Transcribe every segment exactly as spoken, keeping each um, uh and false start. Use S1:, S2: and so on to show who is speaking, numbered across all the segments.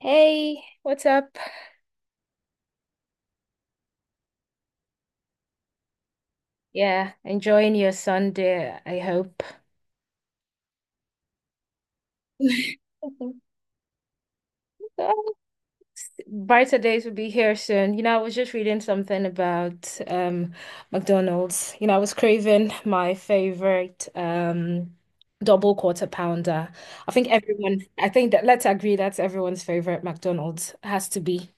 S1: Hey, what's up? Yeah, enjoying your Sunday, I hope. Oh, brighter days will be here soon. You know, I was just reading something about um McDonald's. You know, I was craving my favorite um double quarter pounder. I think everyone, I think that let's agree that's everyone's favorite McDonald's has to be.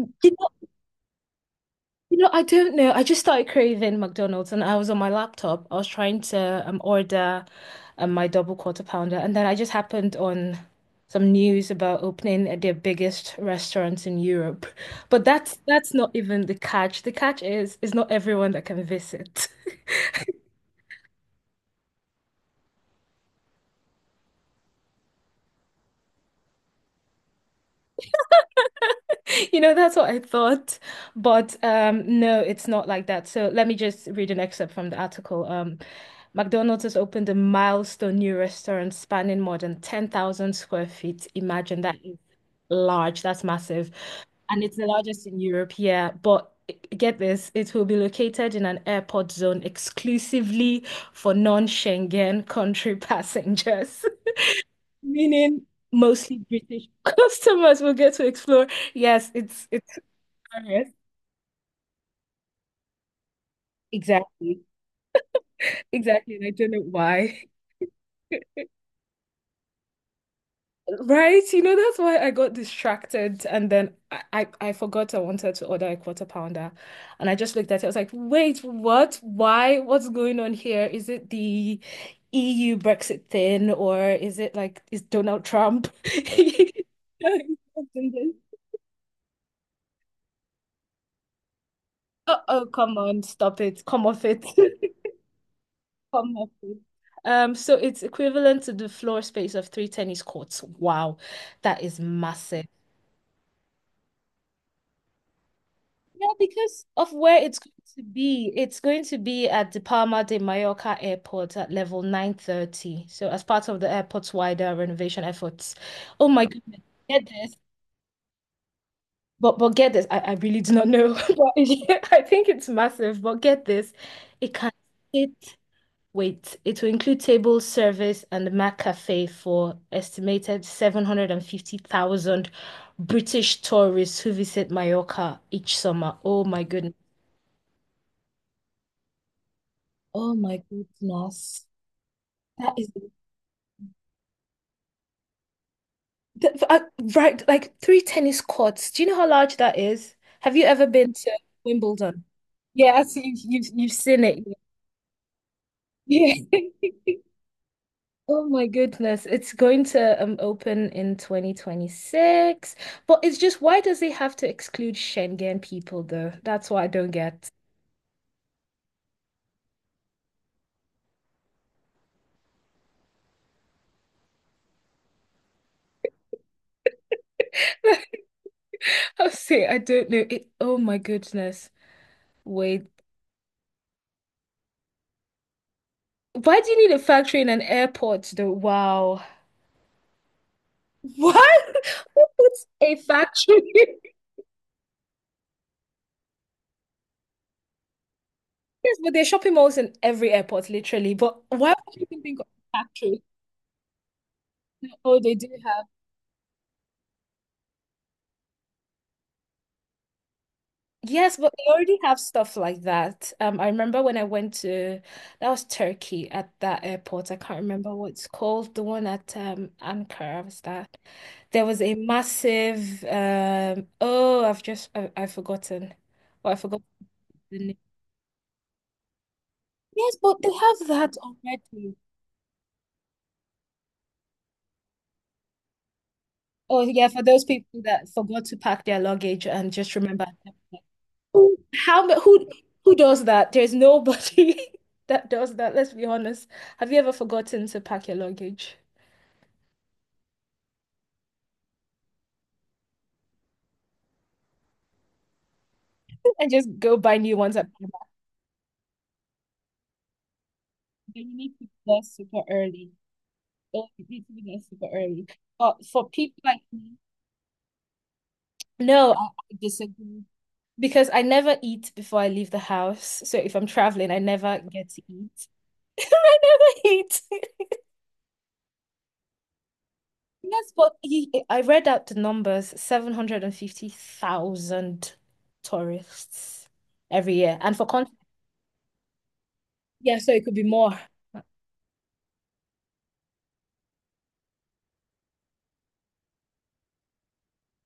S1: You know, I don't know. I just started craving McDonald's and I was on my laptop. I was trying to um, order um, my double quarter pounder. And then I just happened on some news about opening at their biggest restaurant in Europe. But that's that's not even the catch. The catch is is not everyone that can visit. You know, that's what I thought. But um, no, it's not like that. So let me just read an excerpt from the article. Um, McDonald's has opened a milestone new restaurant spanning more than ten thousand square feet. Imagine that is large, that's massive. And it's the largest in Europe, yeah. But get this, it will be located in an airport zone exclusively for non-Schengen country passengers, meaning mostly British customers will get to explore. Yes, it's it's yes, exactly. Exactly. And I don't know why. Right? You know, that's why I got distracted. And then I, I, I forgot I wanted to order a quarter pounder. And I just looked at it. I was like, wait, what? Why? What's going on here? Is it the E U Brexit thing? Or is it like, is Donald Trump? Uh-oh, come on, stop it. Come off it. Come up with. Um, so it's equivalent to the floor space of three tennis courts. Wow, that is massive. Yeah, because of where it's going to be, it's going to be at the Palma de Mallorca Airport at level nine thirty. So as part of the airport's wider renovation efforts. Oh my goodness, get this. But but get this, I, I really do not know. But yeah, I think it's massive, but get this. It can sit wait, it will include table service and the McCafe for estimated seven hundred fifty thousand British tourists who visit Mallorca each summer. Oh my goodness. Oh my goodness. That is that, uh, right, like three tennis courts. Do you know how large that is? Have you ever been to Wimbledon? Yeah, so you've you've, you've seen it. Yeah. Oh my goodness, it's going to um open in twenty twenty-six. But it's just why does it have to exclude Schengen people though? That's what I don't get. I'll say I don't know it. Oh my goodness. Wait. Why do you need a factory in an airport though? Wow. What? Who puts a factory? Yes, but there are shopping malls in every airport, literally. But why would you even think of a factory? Oh, they do yes, but they already have stuff like that. Um, I remember when I went to that was Turkey at that airport. I can't remember what it's called, the one at um Ankara was that. There was a massive um oh, I've just I, I've forgotten. Well, I forgot the name. Yes, but they have that already. Oh yeah, for those people that forgot to pack their luggage and just remember. Who- How ma- who who does that? There's nobody that does that. Let's be honest. Have you ever forgotten to pack your luggage and just go buy new ones at Primark? Then you need to be there super early. Oh, you need to be there super early. But for people like me, no, I, I disagree because I never eat before I leave the house. So if I'm traveling, I never get to eat. I never eat. Yes, but he, I read out the numbers, seven hundred fifty thousand tourists every year. And for context, yeah, so it could be more.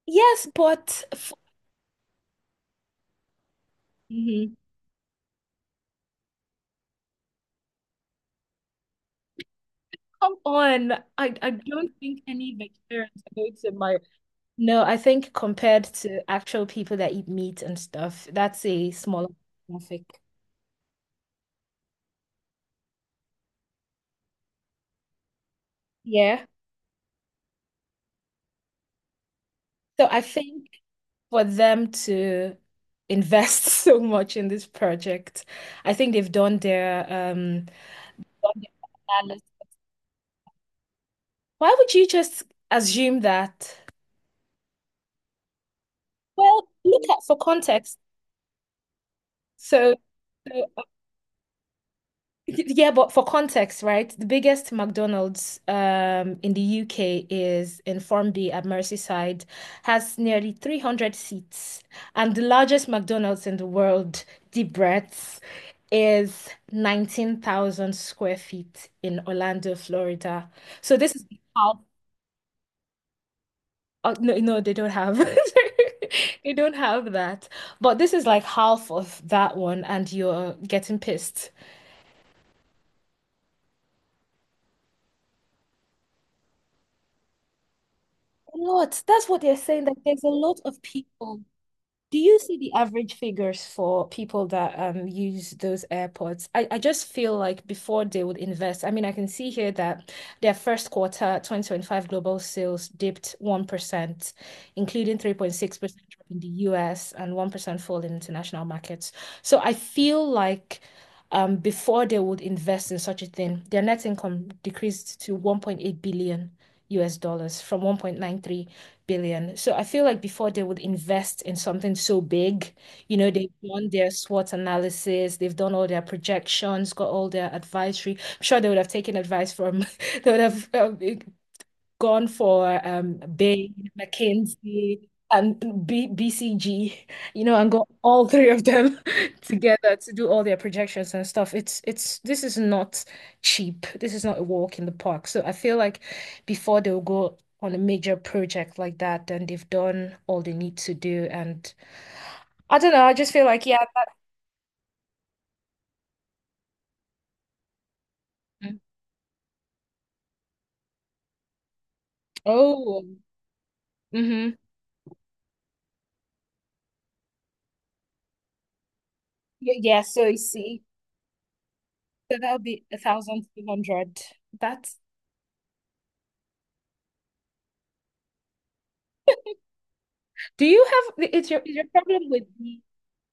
S1: Yes, but f mhm. Come on. I, I don't think any vegetarians are going to my. No, I think compared to actual people that eat meat and stuff, that's a smaller demographic. Yeah. So I think for them to invest so much in this project, I think they've done their um analysis. Why would you just assume that? Well, look at for context. So, so- yeah, but for context, right? The biggest McDonald's um in the U K is in Formby at Merseyside, has nearly three hundred seats, and the largest McDonald's in the world, deep breaths, is nineteen thousand square feet in Orlando, Florida. So this is half oh, no, no, they don't have. They don't have that. But this is like half of that one, and you're getting pissed. A lot. That's what they're saying. That there's a lot of people. Do you see the average figures for people that um use those airports? I, I just feel like before they would invest, I mean, I can see here that their first quarter twenty twenty-five global sales dipped one percent, including three point six percent drop in the U S and one percent fall in international markets. So I feel like um before they would invest in such a thing, their net income decreased to one point eight billion U S dollars from one point nine three billion. So I feel like before they would invest in something so big, you know, they've done their SWOT analysis, they've done all their projections, got all their advisory. I'm sure they would have taken advice from, they would have um, gone for um Bain, McKinsey, and B BCG, you know, and got all three of them together to do all their projections and stuff. It's it's this is not cheap. This is not a walk in the park. So I feel like before they'll go on a major project like that, then they've done all they need to do. And I don't know, I just feel like yeah, that, oh, mm-hmm. Yeah, yeah, so you see. So that'll be a thousand two hundred. That's do you have it's your is your problem with the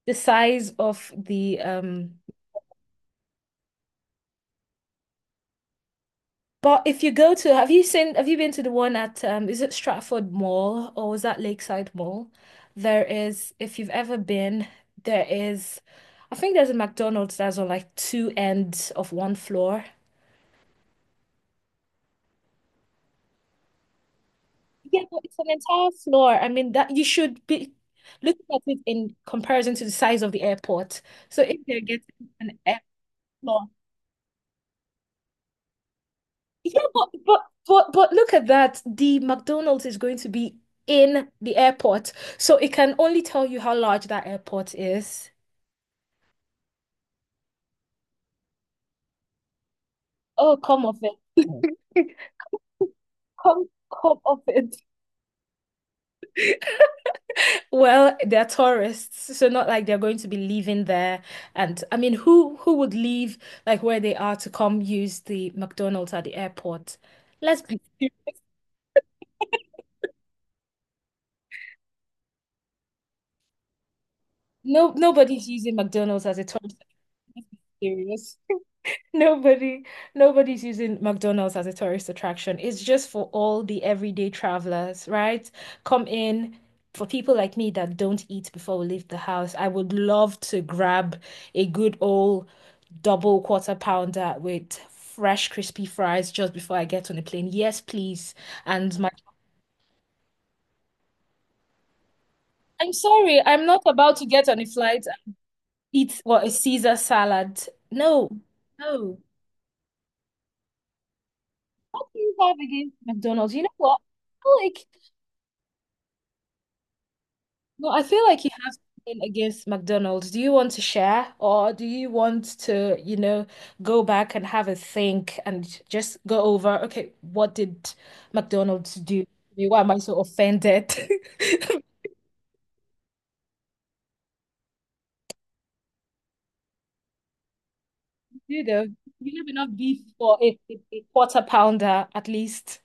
S1: the size of the um but if you go to have you seen have you been to the one at um is it Stratford Mall or is that Lakeside Mall? There is if you've ever been there is I think there's a McDonald's that's on like two ends of one floor. Yeah, but it's an entire floor. I mean that you should be looking at it in comparison to the size of the airport. So if they're getting an airport yeah, but but but but look at that. The McDonald's is going to be in the airport, so it can only tell you how large that airport is. Oh, come off it. Come come off it. Well, they're tourists, so not like they're going to be leaving there. And I mean, who who would leave like where they are to come use the McDonald's at the airport? Let's be serious. No, nobody's using McDonald's as a tourist. Let's be serious. Nobody, nobody's using McDonald's as a tourist attraction. It's just for all the everyday travelers, right? Come in for people like me that don't eat before we leave the house. I would love to grab a good old double quarter pounder with fresh, crispy fries just before I get on the plane. Yes, please. And my, I'm sorry, I'm not about to get on a flight and eat what a Caesar salad. No, no. What do you have against McDonald's? You know what? I like no, I feel like you have something against McDonald's. Do you want to share, or do you want to, you know, go back and have a think and just go over, okay, what did McDonald's do? To me? Why am I so offended? You know, you have enough beef for a, a, a quarter pounder at least.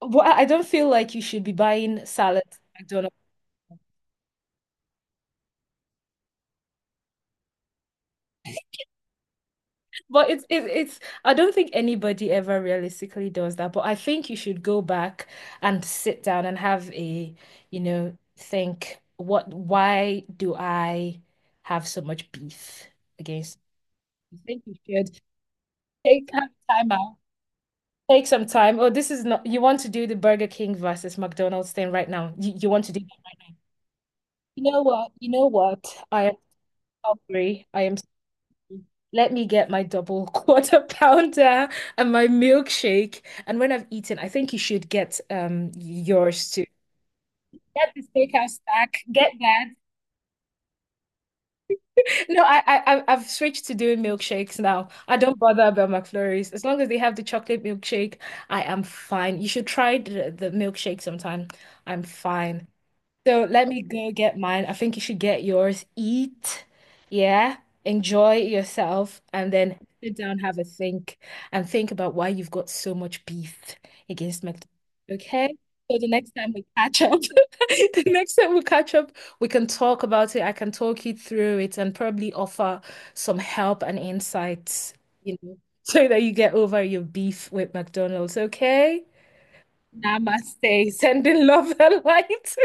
S1: Well, I I don't feel like you should be buying salad at McDonald's. But it's it's it's I don't think anybody ever realistically does that. But I think you should go back and sit down and have a, you know, think what why do I have so much beef against? I think you should take some time out. Take some time. Oh, this is not you want to do the Burger King versus McDonald's thing right now. You, you want to do that right now. You know what? You know what? I am hungry. I am let me get my double quarter pounder and my milkshake. And when I've eaten, I think you should get um yours too. Get the steakhouse stack. Get that. No, I, I I- I've switched to doing milkshakes now. I don't bother about McFlurries. As long as they have the chocolate milkshake, I am fine. You should try the, the milkshake sometime. I'm fine. So let me go get mine. I think you should get yours. Eat, yeah, enjoy yourself, and then sit down, have a think, and think about why you've got so much beef against McDonald's. Okay? So the next time we catch up, the next time we catch up, we can talk about it. I can talk you through it and probably offer some help and insights, you know, so that you get over your beef with McDonald's. Okay? Namaste. Sending love and light.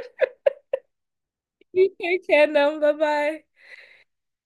S1: You take care now. Bye bye.